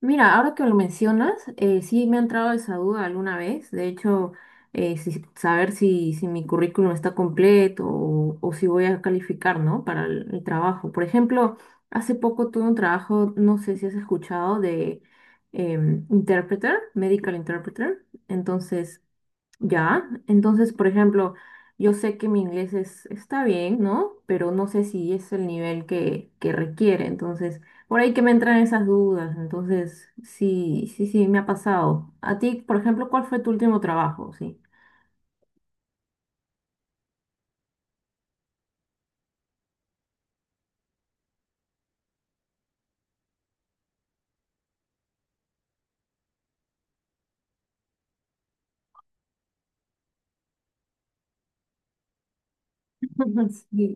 Mira, ahora que lo mencionas, sí me ha entrado esa duda alguna vez. De hecho, saber si mi currículum está completo o si voy a calificar, ¿no? Para el trabajo. Por ejemplo, hace poco tuve un trabajo, no sé si has escuchado, de interpreter, medical interpreter. Entonces, ya, entonces, por ejemplo, yo sé que mi inglés está bien, ¿no? Pero no sé si es el nivel que requiere. Entonces, por ahí que me entran esas dudas. Entonces, sí, sí, sí, me ha pasado. A ti, por ejemplo, ¿cuál fue tu último trabajo? Sí. Sí.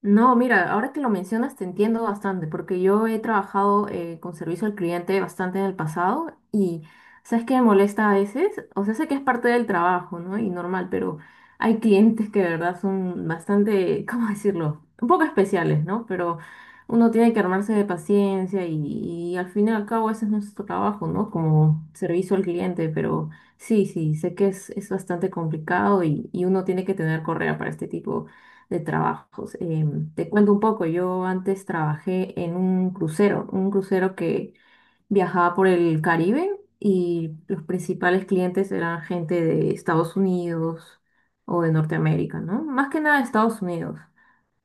No, mira, ahora que lo mencionas te entiendo bastante, porque yo he trabajado con servicio al cliente bastante en el pasado y sabes que me molesta a veces, o sea, sé que es parte del trabajo, ¿no? Y normal, pero hay clientes que de verdad son bastante, ¿cómo decirlo? Un poco especiales, ¿no? Pero uno tiene que armarse de paciencia y al fin y al cabo ese es nuestro trabajo, ¿no? Como servicio al cliente, pero sí, sí, sé que es bastante complicado y uno tiene que tener correa para este tipo de trabajos. Te cuento un poco, yo antes trabajé en un crucero que viajaba por el Caribe y los principales clientes eran gente de Estados Unidos o de Norteamérica, ¿no? Más que nada de Estados Unidos.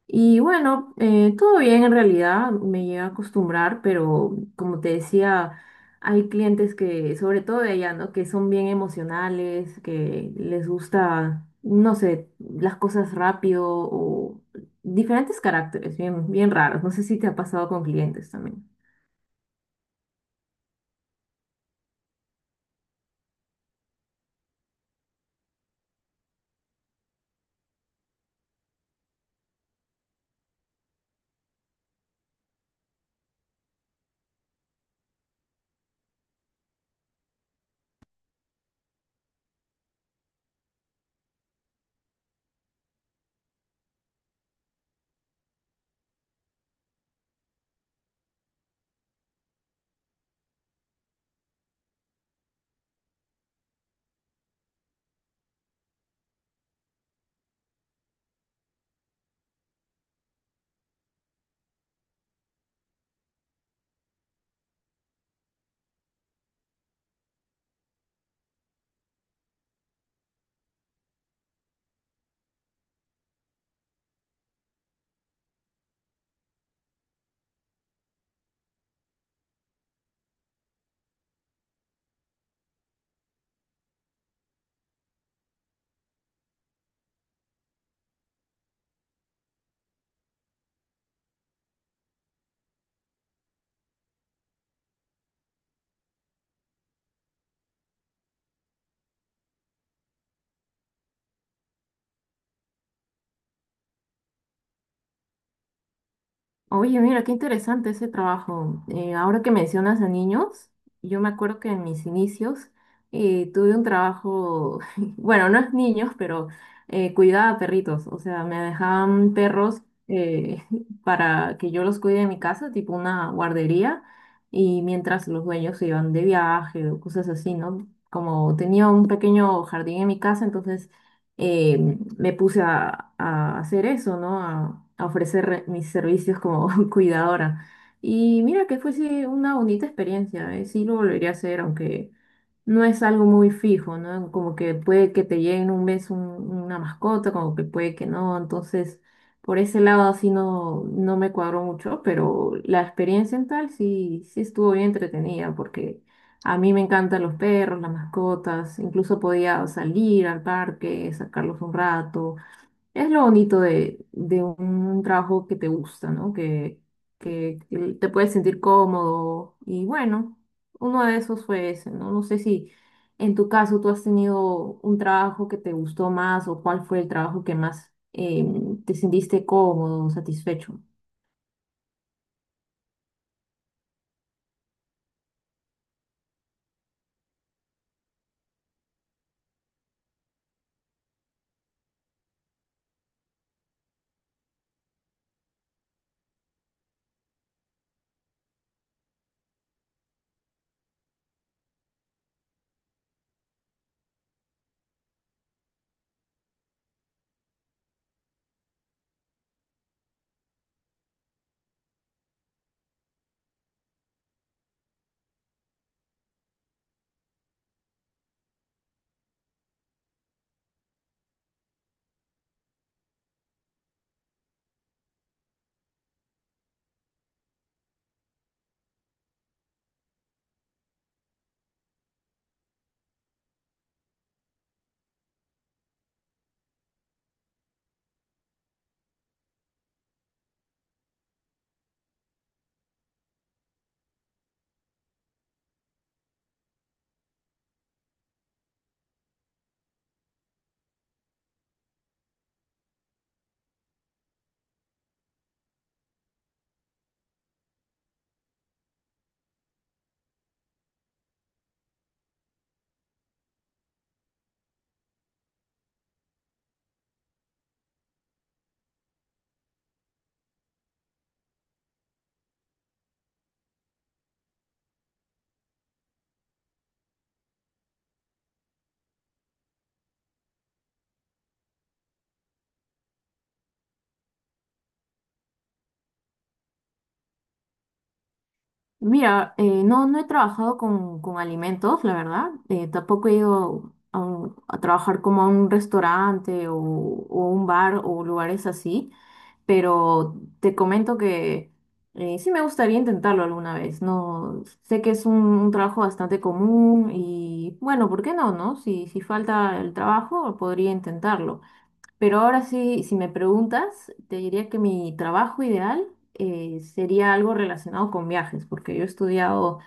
Y bueno, todo bien en realidad, me llega a acostumbrar, pero como te decía, hay clientes que, sobre todo de allá, ¿no? Que son bien emocionales, que les gusta, no sé, las cosas rápido o diferentes caracteres, bien, bien raros. No sé si te ha pasado con clientes también. Oye, mira, qué interesante ese trabajo. Ahora que mencionas a niños, yo me acuerdo que en mis inicios tuve un trabajo, bueno, no es niños, pero cuidaba a perritos. O sea, me dejaban perros eh, para que yo los cuide en mi casa, tipo una guardería, y mientras los dueños se iban de viaje o cosas así, ¿no? Como tenía un pequeño jardín en mi casa, entonces eh, me puse a hacer eso, ¿no? A ofrecer mis servicios como cuidadora. Y mira que fue sí, una bonita experiencia, ¿eh? Sí lo volvería a hacer, aunque no es algo muy fijo, ¿no? Como que puede que te llegue en un mes una mascota, como que puede que no. Entonces, por ese lado así no, no me cuadró mucho, pero la experiencia en tal sí, sí estuvo bien entretenida porque a mí me encantan los perros, las mascotas, incluso podía salir al parque, sacarlos un rato es lo bonito de un trabajo que te gusta, ¿no? Que, que te puedes sentir cómodo. Y bueno, uno de esos fue ese, ¿no? No sé si en tu caso tú has tenido un trabajo que te gustó más o cuál fue el trabajo que más te sentiste cómodo, satisfecho. Mira, no, no he trabajado con alimentos, la verdad. Tampoco he ido a, a trabajar como a un restaurante o un bar o lugares así. Pero te comento que sí me gustaría intentarlo alguna vez, ¿no? Sé que es un trabajo bastante común y bueno, ¿por qué no, no? Si falta el trabajo, podría intentarlo. Pero ahora sí, si me preguntas, te diría que mi trabajo ideal sería algo relacionado con viajes, porque yo he estudiado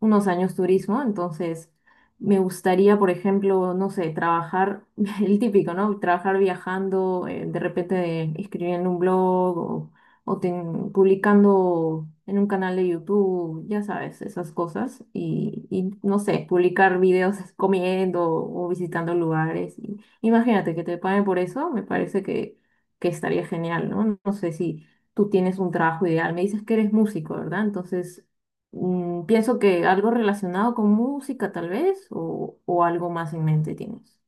unos años turismo, entonces me gustaría, por ejemplo, no sé, trabajar, el típico, ¿no? Trabajar viajando, de repente escribiendo un blog o, publicando en un canal de YouTube, ya sabes, esas cosas, y, no sé, publicar videos comiendo o visitando lugares. Y, imagínate que te paguen por eso, me parece que estaría genial, ¿no? No sé si tú tienes un trabajo ideal, me dices que eres músico, ¿verdad? Entonces... Mm, pienso que algo relacionado con música, tal vez, o algo más en mente tienes.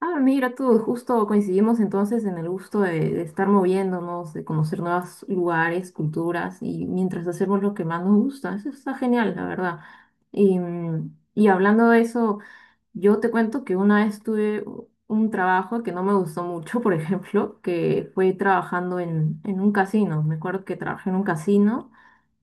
Ah, mira tú, justo coincidimos entonces en el gusto de estar moviéndonos, de conocer nuevos lugares, culturas, y mientras hacemos lo que más nos gusta. Eso está genial, la verdad. Y, mm, y hablando de eso. Yo te cuento que una vez tuve un trabajo que no me gustó mucho, por ejemplo, que fue trabajando en un casino. Me acuerdo que trabajé en un casino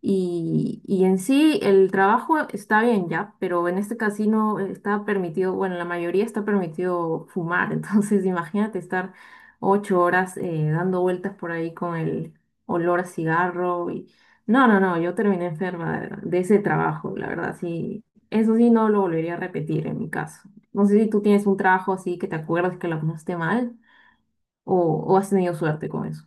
y en sí el trabajo está bien ya, pero en este casino está permitido, bueno, en la mayoría está permitido fumar. Entonces, imagínate estar 8 horas dando vueltas por ahí con el olor a cigarro y... No, no, no, yo terminé enferma de ese trabajo, la verdad, sí eso sí, no lo volvería a repetir en mi caso. No sé si tú tienes un trabajo así que te acuerdas que la pasaste mal o, o has tenido suerte con eso.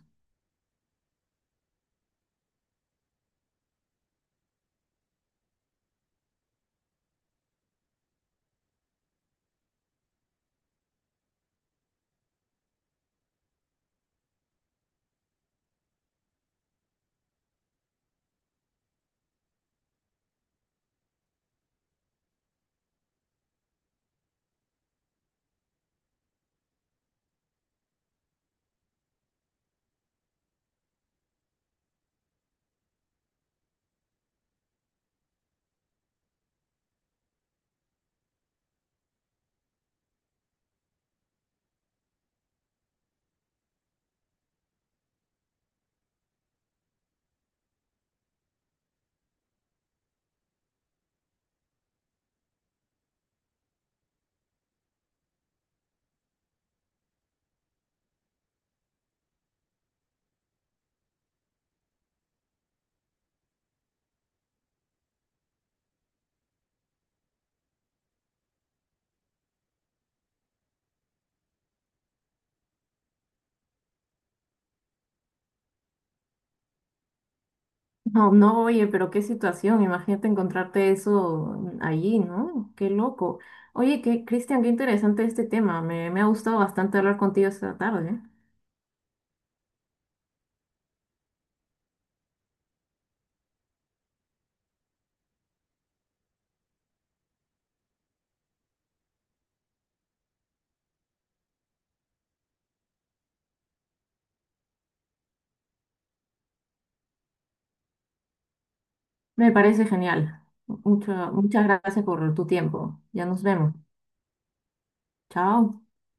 No, no, oye, pero qué situación. Imagínate encontrarte eso allí, ¿no? Qué loco. Oye, qué, Cristian, qué interesante este tema. Me ha gustado bastante hablar contigo esta tarde, ¿eh? Me parece genial. Muchas gracias por tu tiempo. Ya nos vemos. Chao.